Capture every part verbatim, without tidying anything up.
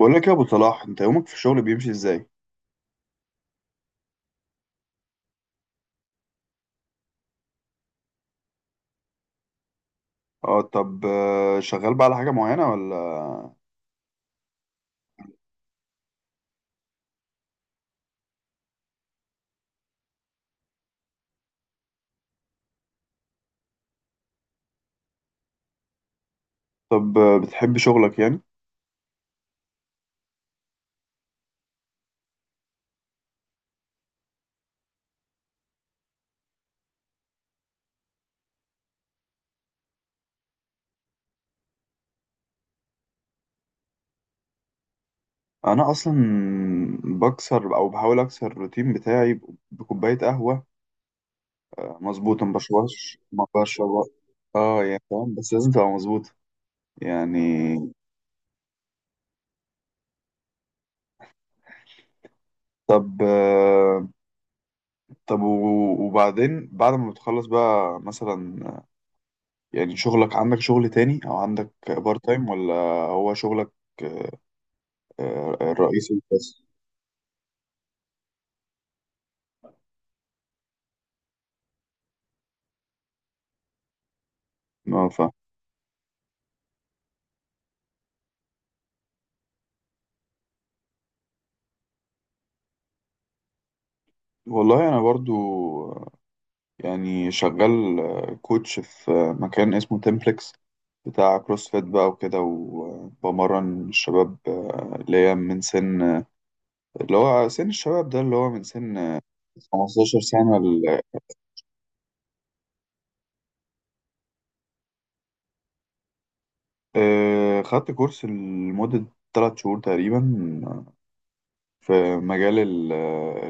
بقول لك يا ابو صلاح، انت يومك في الشغل بيمشي ازاي؟ اه، طب آه، شغال بقى على حاجه معينه ولا؟ طب آه، بتحب شغلك يعني؟ انا اصلا بكسر او بحاول اكسر الروتين بتاعي بكوبايه قهوه. آه، مظبوطه، ما بشربهاش ما بشربها. اه يعني فاهم، بس لازم تبقى مظبوطه يعني. طب آه، طب و- وبعدين بعد ما بتخلص بقى مثلا آه، يعني شغلك، عندك شغل تاني او عندك بار تايم ولا هو شغلك آه، آه، الرئيسي بس؟ اه فاهم. والله انا برضو يعني شغال كوتش في مكان اسمه تمبلكس، بتاع كروسفيت بقى وكده، وبمرن الشباب آه، اللي هي من سن اللي هو سن الشباب ده، اللي هو من سن 15 سنة ل- آه، خدت كورس لمدة 3 شهور تقريبا في مجال ال-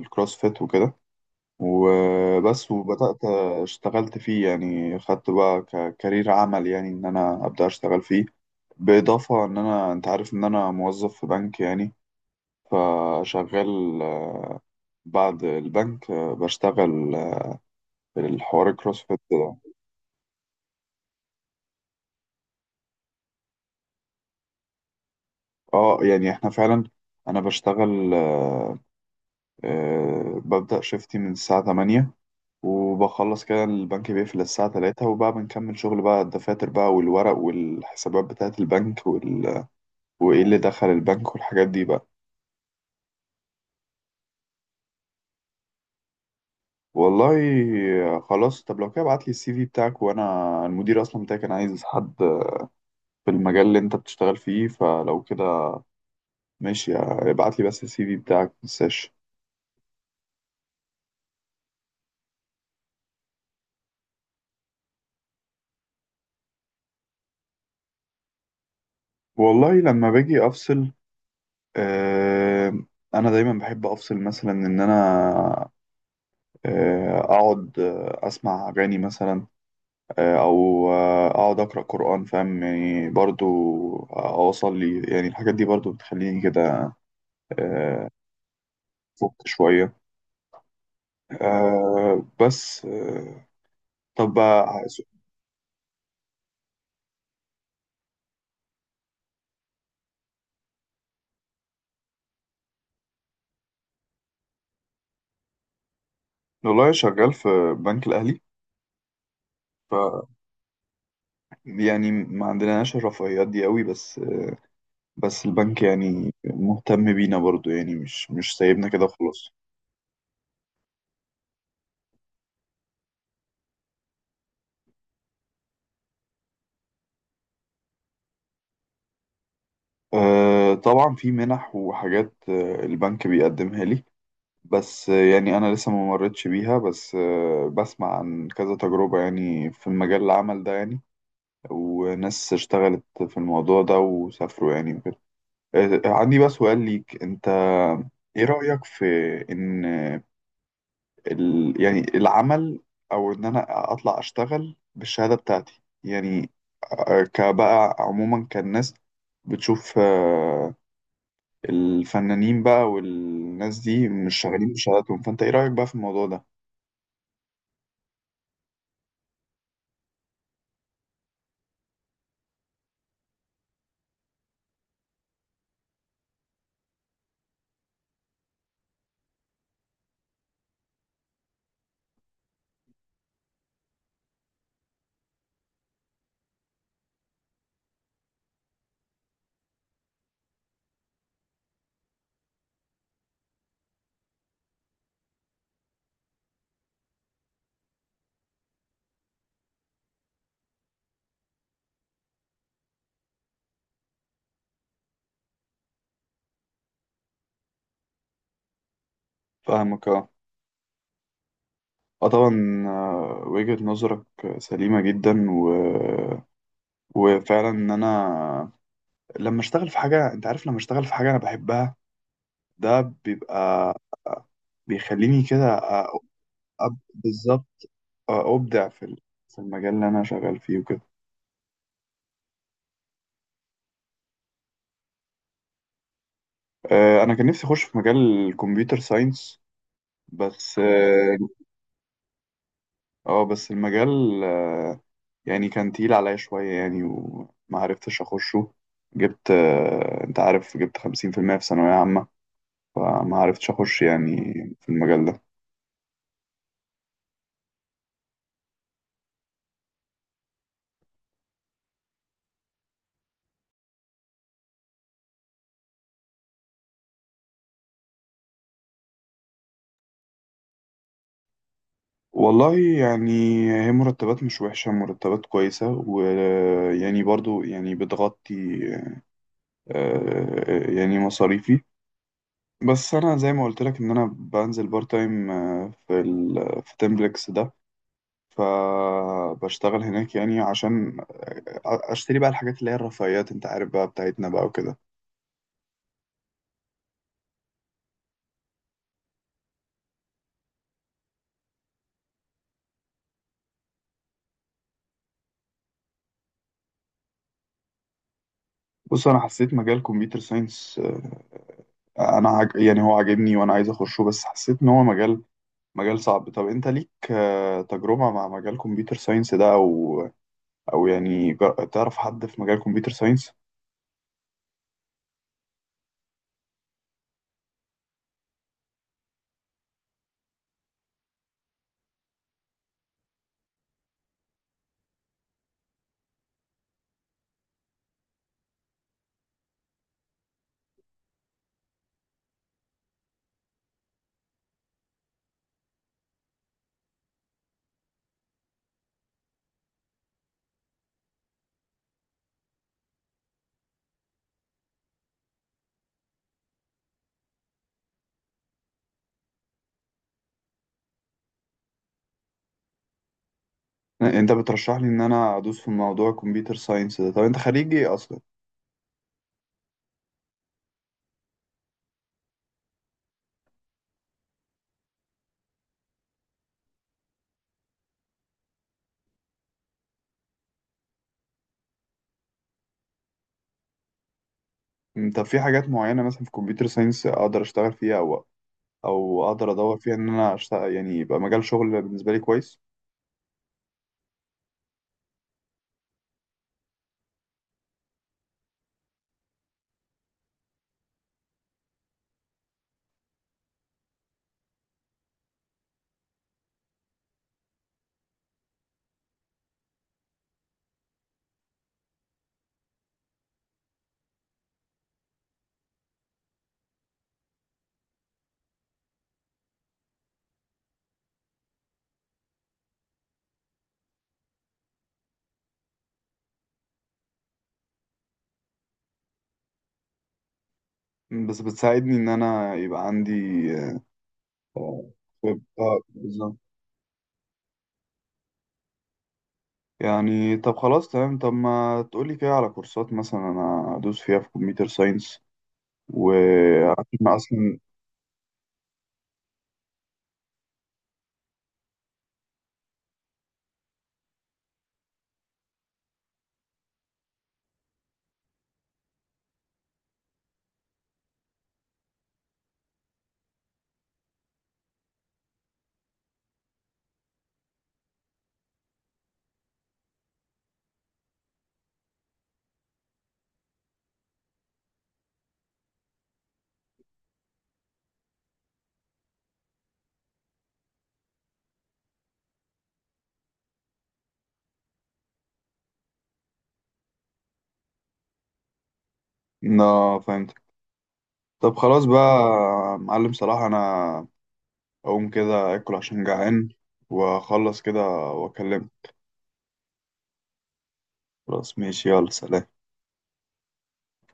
الكروسفيت وكده، وبس وبدأت اشتغلت فيه يعني، خدت بقى ككارير عمل يعني، ان انا ابدأ اشتغل فيه بالاضافه ان انا، انت عارف ان انا موظف في بنك يعني. فشغال آه، بعد البنك آه، بشتغل آه، الحوار الكروسفيت ده. اه يعني احنا فعلا، انا بشتغل آه، آه، ببدأ شيفتي من الساعة تمانية، وبخلص كده، البنك بيقفل الساعة الثالثة، وبقى بنكمل شغل بقى، الدفاتر بقى والورق والحسابات بتاعة البنك وال... وايه اللي دخل البنك والحاجات دي بقى. والله آه، خلاص، طب لو كده ابعت لي السي في بتاعك، وانا المدير اصلا بتاعي كان عايز حد في المجال اللي انت بتشتغل فيه، فلو كده ماشي، ابعت لي بس السي في بتاعك، متنساش. والله لما باجي افصل، آه انا دايما بحب افصل، مثلا ان انا آه اقعد آه، اسمع اغاني مثلا، آه او آه اقعد اقرا قران، فاهم يعني، برضو اوصل لي يعني، الحاجات دي برضو بتخليني كده آه فوق شويه. آه بس آه طب آه، والله شغال في بنك الاهلي، يعني ما عندناش الرفاهيات دي قوي، بس بس البنك يعني مهتم بينا برضو، يعني مش مش سايبنا كده خلاص. أه طبعا في منح وحاجات آه، البنك بيقدمها لي، بس آه، يعني انا لسه ما مرتش بيها، بس آه، بسمع عن كذا تجربة يعني في المجال العمل ده يعني، وناس اشتغلت في الموضوع ده وسافروا يعني وكده. آه، عندي بقى سؤال ليك انت: ايه رأيك في ان ال... يعني العمل، او ان انا اطلع اشتغل بالشهاده بتاعتي يعني، آه، كبقى عموما كالناس، بتشوف آه، الفنانين بقى والناس دي مش شغالين بشهاداتهم، فانت ايه رايك بقى في الموضوع ده؟ فاهمك، اه. اه طبعا آه، وجهة نظرك سليمة جدا و... وفعلا ان انا لما اشتغل في حاجة، انت عارف، لما اشتغل في حاجة انا بحبها، ده بيبقى بيخليني كده أ- أب- بالظبط آه، أبدع في ال- في المجال اللي أنا شغال فيه وكده. آه، أنا كان نفسي أخش في مجال الكمبيوتر ساينس، بس اه آه، بس المجال آه، يعني كان تقيل عليا شوية يعني، وما عرفتش أخشه. جبت آه، أنت عارف جبت خمسين في المية في ثانوية عامة، فما عرفتش أخش يعني في المجال ده. والله يعني، هي مرتبات مش وحشة، مرتبات كويسة، ويعني برضو يعني بتغطي آه، يعني مصاريفي. بس انا زي ما قلت لك، ان انا بنزل بارت تايم آه، في ال في تمبلكس ده، فبشتغل هناك يعني عشان آه، اشتري بقى الحاجات اللي هي الرفاهيات، انت عارف بقى، بتاعتنا بقى وكده. بص، انا حسيت مجال كمبيوتر ساينس، انا عج... يعني هو عاجبني وانا عايز اخشه، بس حسيت ان هو مجال مجال صعب. طب انت ليك آه، تجربة مع مجال كمبيوتر ساينس ده، او او يعني جر- تعرف حد في مجال كمبيوتر ساينس؟ انت بترشح لي ان انا ادوس في موضوع كمبيوتر ساينس ده؟ طب انت خريج ايه اصلا؟ مم، طب في حاجات معينة مثلا في كمبيوتر ساينس أقدر أشتغل فيها، أو أو أقدر أدور فيها إن أنا أشتغل يعني، يبقى مجال شغل بالنسبة لي كويس؟ مم، بس بتساعدني إن أنا يبقى عندي آه، خب- آه، بالظبط. يعني طب خلاص، تمام، طب ما تقولي كده على كورسات مثلا أنا أدوس فيها في كمبيوتر ساينس، وعشان أصلا، لا فهمت، طب خلاص بقى، معلم صلاح، أنا أقوم كده أكل عشان جعان، وأخلص كده وأكلمك. خلاص ماشي، يلا سلام.